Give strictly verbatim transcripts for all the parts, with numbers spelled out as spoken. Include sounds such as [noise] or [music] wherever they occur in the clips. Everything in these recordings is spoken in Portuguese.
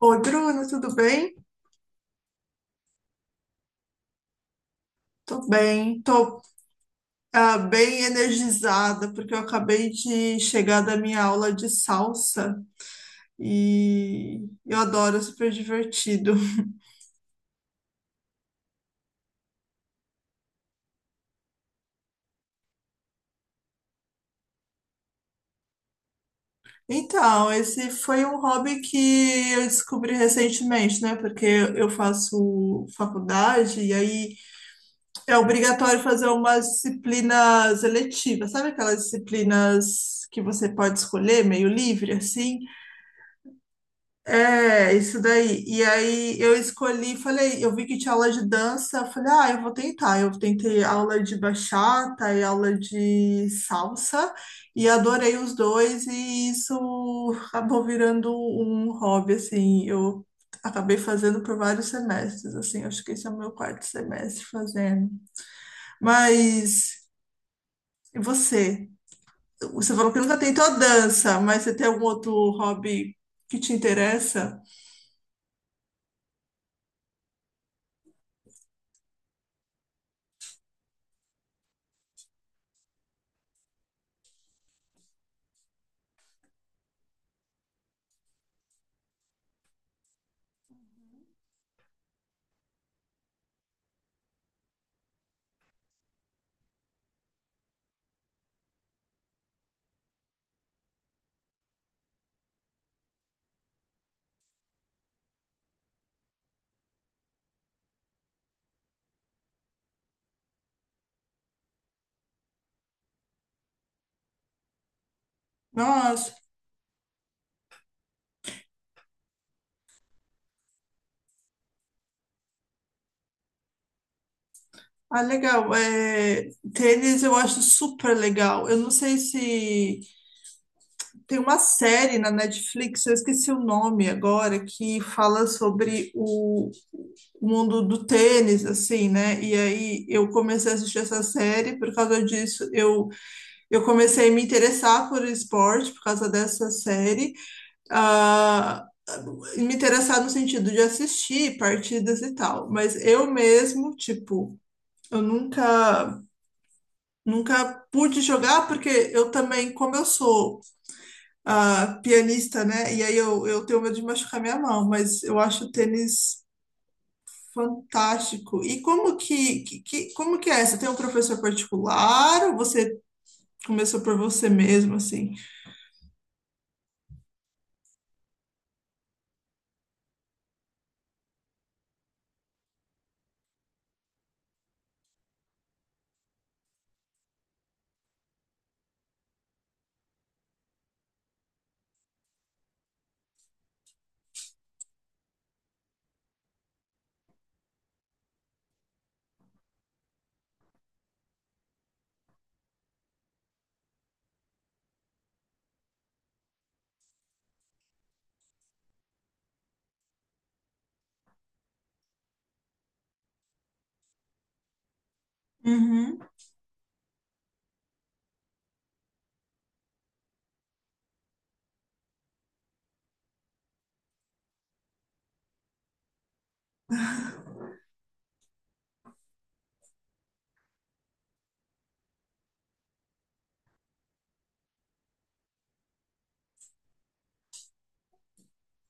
Oi, Bruno, tudo bem? Tô bem, tô ah, bem energizada, porque eu acabei de chegar da minha aula de salsa e eu adoro, é super divertido. [laughs] Então, esse foi um hobby que eu descobri recentemente, né? Porque eu faço faculdade e aí é obrigatório fazer umas disciplinas eletivas, sabe aquelas disciplinas que você pode escolher, meio livre, assim? É, isso daí. E aí eu escolhi, falei, eu vi que tinha aula de dança, eu falei, ah, eu vou tentar. Eu tentei aula de bachata e aula de salsa e adorei os dois e isso acabou virando um hobby, assim. Eu acabei fazendo por vários semestres, assim. Acho que esse é o meu quarto semestre fazendo. Mas e você? Você falou que nunca tentou dança, mas você tem algum outro hobby que te interessa? Nossa. Ah, legal. É, tênis eu acho super legal. Eu não sei se tem uma série na Netflix, eu esqueci o nome agora, que fala sobre o, o mundo do tênis, assim, né? E aí eu comecei a assistir essa série, por causa disso eu, eu comecei a me interessar por esporte, por causa dessa série. Ah, Me interessar no sentido de assistir partidas e tal, mas eu mesmo, tipo, eu nunca. Nunca pude jogar porque eu também, como eu sou ah, pianista, né? E aí eu, eu tenho medo de machucar minha mão, mas eu acho o tênis fantástico. E como que, que, que- como que é? Você tem um professor particular ou você começou por você mesmo, assim? Uhum.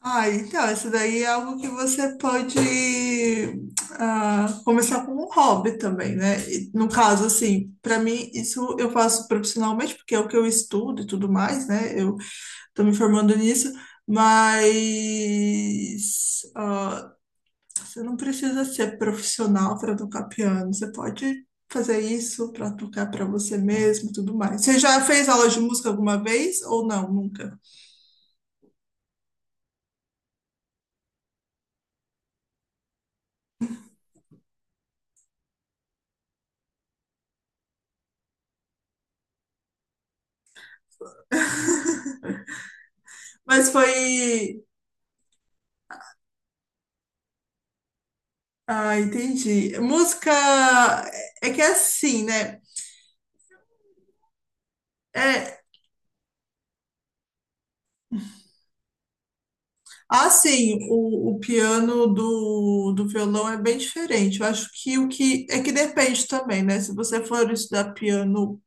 Ah, então, isso daí é algo que você pode ah, começar como um hobby também, né? E, no caso, assim, para mim, isso eu faço profissionalmente, porque é o que eu estudo e tudo mais, né? Eu estou me formando nisso, mas ah, você não precisa ser profissional para tocar piano. Você pode fazer isso para tocar para você mesmo, e tudo mais. Você já fez aula de música alguma vez ou não? Nunca. [laughs] Mas foi. Ah, entendi. Música é que é assim, né? É. Ah, sim, o, o piano do, do violão é bem diferente. Eu acho que o que é que depende também, né? Se você for estudar piano,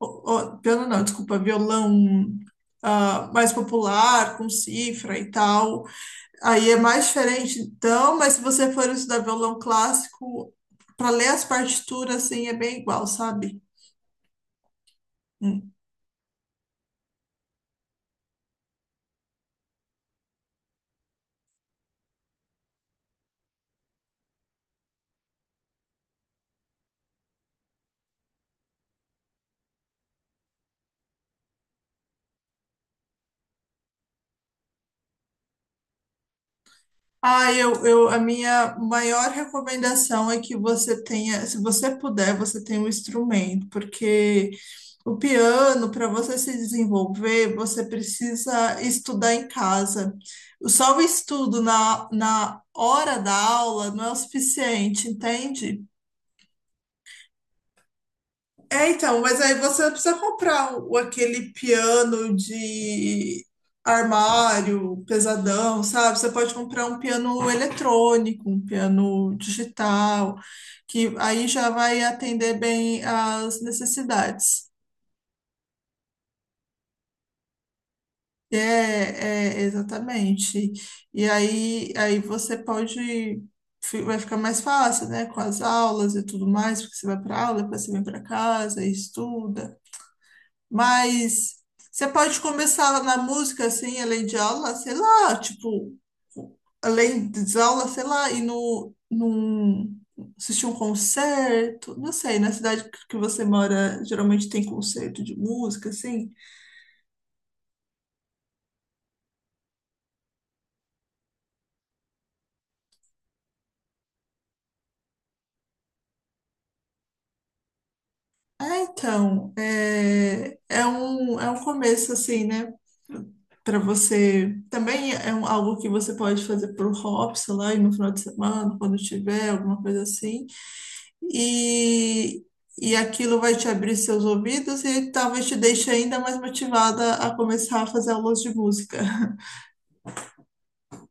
ó- ó, piano não, desculpa, violão ah, mais popular, com cifra e tal, aí é mais diferente. Então, mas se você for estudar violão clássico, para ler as partituras, assim, é bem igual, sabe? Hum. Ah, eu, eu, a minha maior recomendação é que você tenha, se você puder, você tenha um instrumento, porque o piano, para você se desenvolver, você precisa estudar em casa. Só o estudo na, na hora da aula não é o suficiente, entende? É, então, mas aí você não precisa comprar o, aquele piano de armário pesadão, sabe? Você pode comprar um piano eletrônico, um piano digital, que aí já vai atender bem às necessidades. É, é, exatamente. E aí, aí você pode, fi- vai ficar mais fácil, né? Com as aulas e tudo mais, porque você vai para aula, depois você vem para casa e estuda. Mas você pode começar na música, assim, além de aula, sei lá, tipo, além de aula, sei lá, e no, num, assistir um concerto, não sei, na cidade que você mora, geralmente tem concerto de música, assim. Ah, então, é, é um, é um começo, assim, né? Para você. Também é um- algo que você pode fazer pro hobby, sei lá, e no final de semana, quando tiver, alguma coisa assim. e, e aquilo vai te abrir seus ouvidos e talvez te deixe ainda mais motivada a começar a fazer aulas de música. [laughs]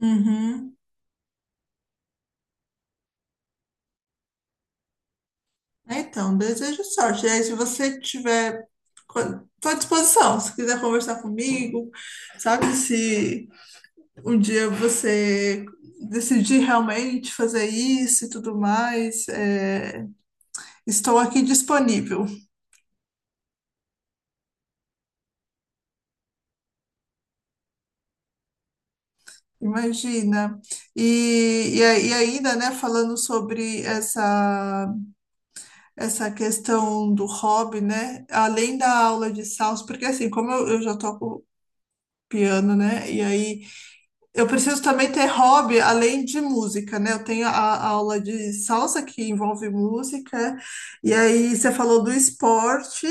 Uhum. É. Então, desejo sorte. E aí, se você tiver, estou à disposição, se quiser conversar comigo, sabe? Se um dia você decidir realmente fazer isso e tudo mais, é, estou aqui disponível, imagina. E, e, a- e ainda, né, falando sobre essa, essa questão do hobby, né, além da aula de salsa, porque assim, como eu, eu já toco piano, né, e aí eu preciso também ter hobby além de música, né, eu tenho a, a aula de salsa que envolve música, e aí você falou do esporte,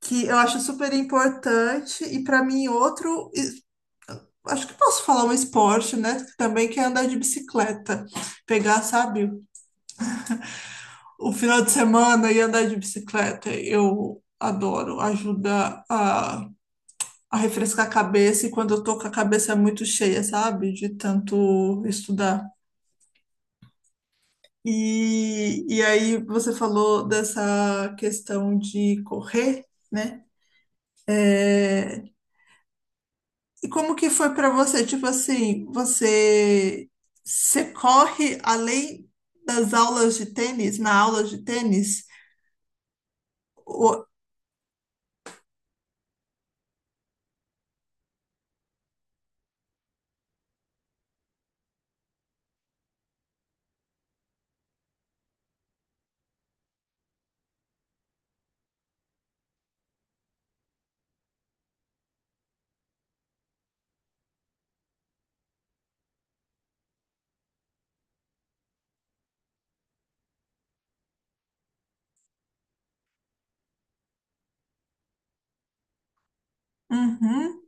que eu acho super importante, e para mim outro acho que posso falar um esporte, né? Também que é andar de bicicleta. Pegar, sabe, o final de semana e andar de bicicleta. Eu adoro. Ajuda a, a refrescar a cabeça e quando eu tô com a cabeça muito cheia, sabe? De tanto estudar. E, e aí você falou dessa questão de correr, né? É. E como que foi para você? Tipo assim, você, você corre além das aulas de tênis, na aula de tênis? O- Uhum.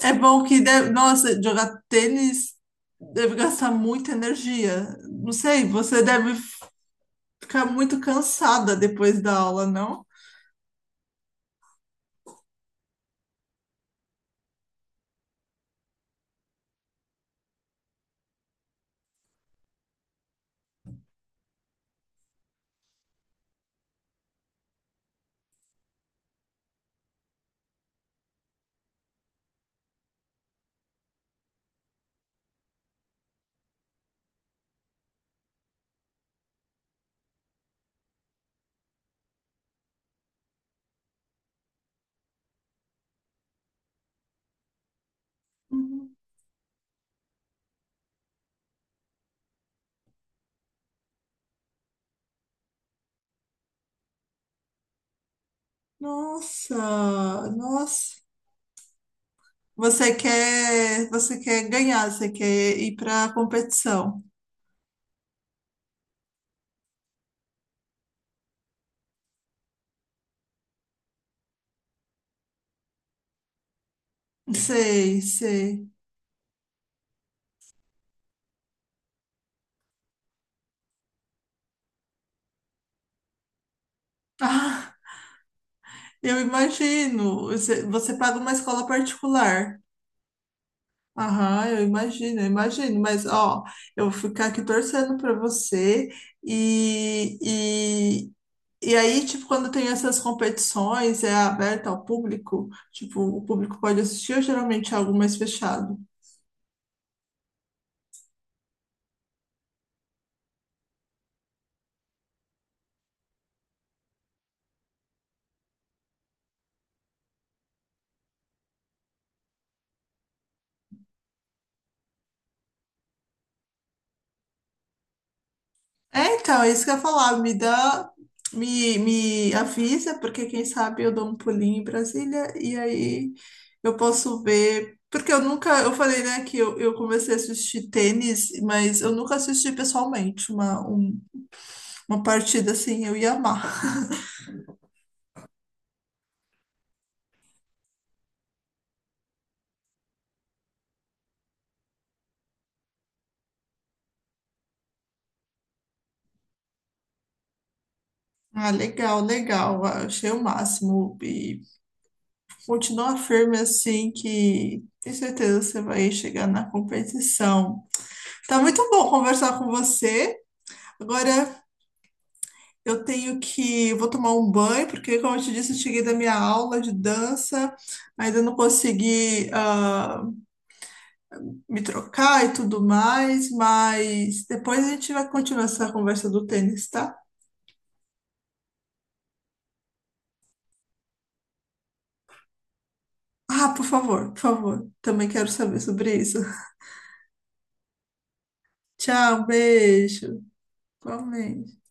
É bom que deve, nossa, jogar tênis deve gastar muita energia. Não sei, você deve ficar muito cansada depois da aula, não? Uhum. Nossa, nossa. Você quer, você quer ganhar, você quer ir para competição. Sei, sei. [laughs] Eu imagino. Você, você paga uma escola particular. Aham, eu imagino, eu imagino. Mas, ó, eu vou ficar aqui torcendo para você. E, e, e aí, tipo, quando tem essas competições, é aberta ao público? Tipo, o público pode assistir ou geralmente é algo mais fechado? É, então, é isso que eu ia falar. Me dá, me, me avisa, porque quem sabe eu dou um pulinho em Brasília e aí eu posso ver. Porque eu nunca, eu falei, né, que eu, eu comecei a assistir tênis, mas eu nunca assisti pessoalmente uma, um- uma partida assim, eu ia amar. [laughs] Ah, legal, legal. Ah, achei o máximo. E continua firme assim, que tenho certeza que você vai chegar na competição. Tá muito bom conversar com você. Agora eu tenho que. Vou tomar um banho, porque, como eu te disse, eu cheguei da minha aula de dança, ainda não consegui, ah, me trocar e tudo mais, mas depois a gente vai continuar essa conversa do tênis, tá? Ah, por favor, por favor. Também quero saber sobre isso. [laughs] Tchau, beijo. Igualmente.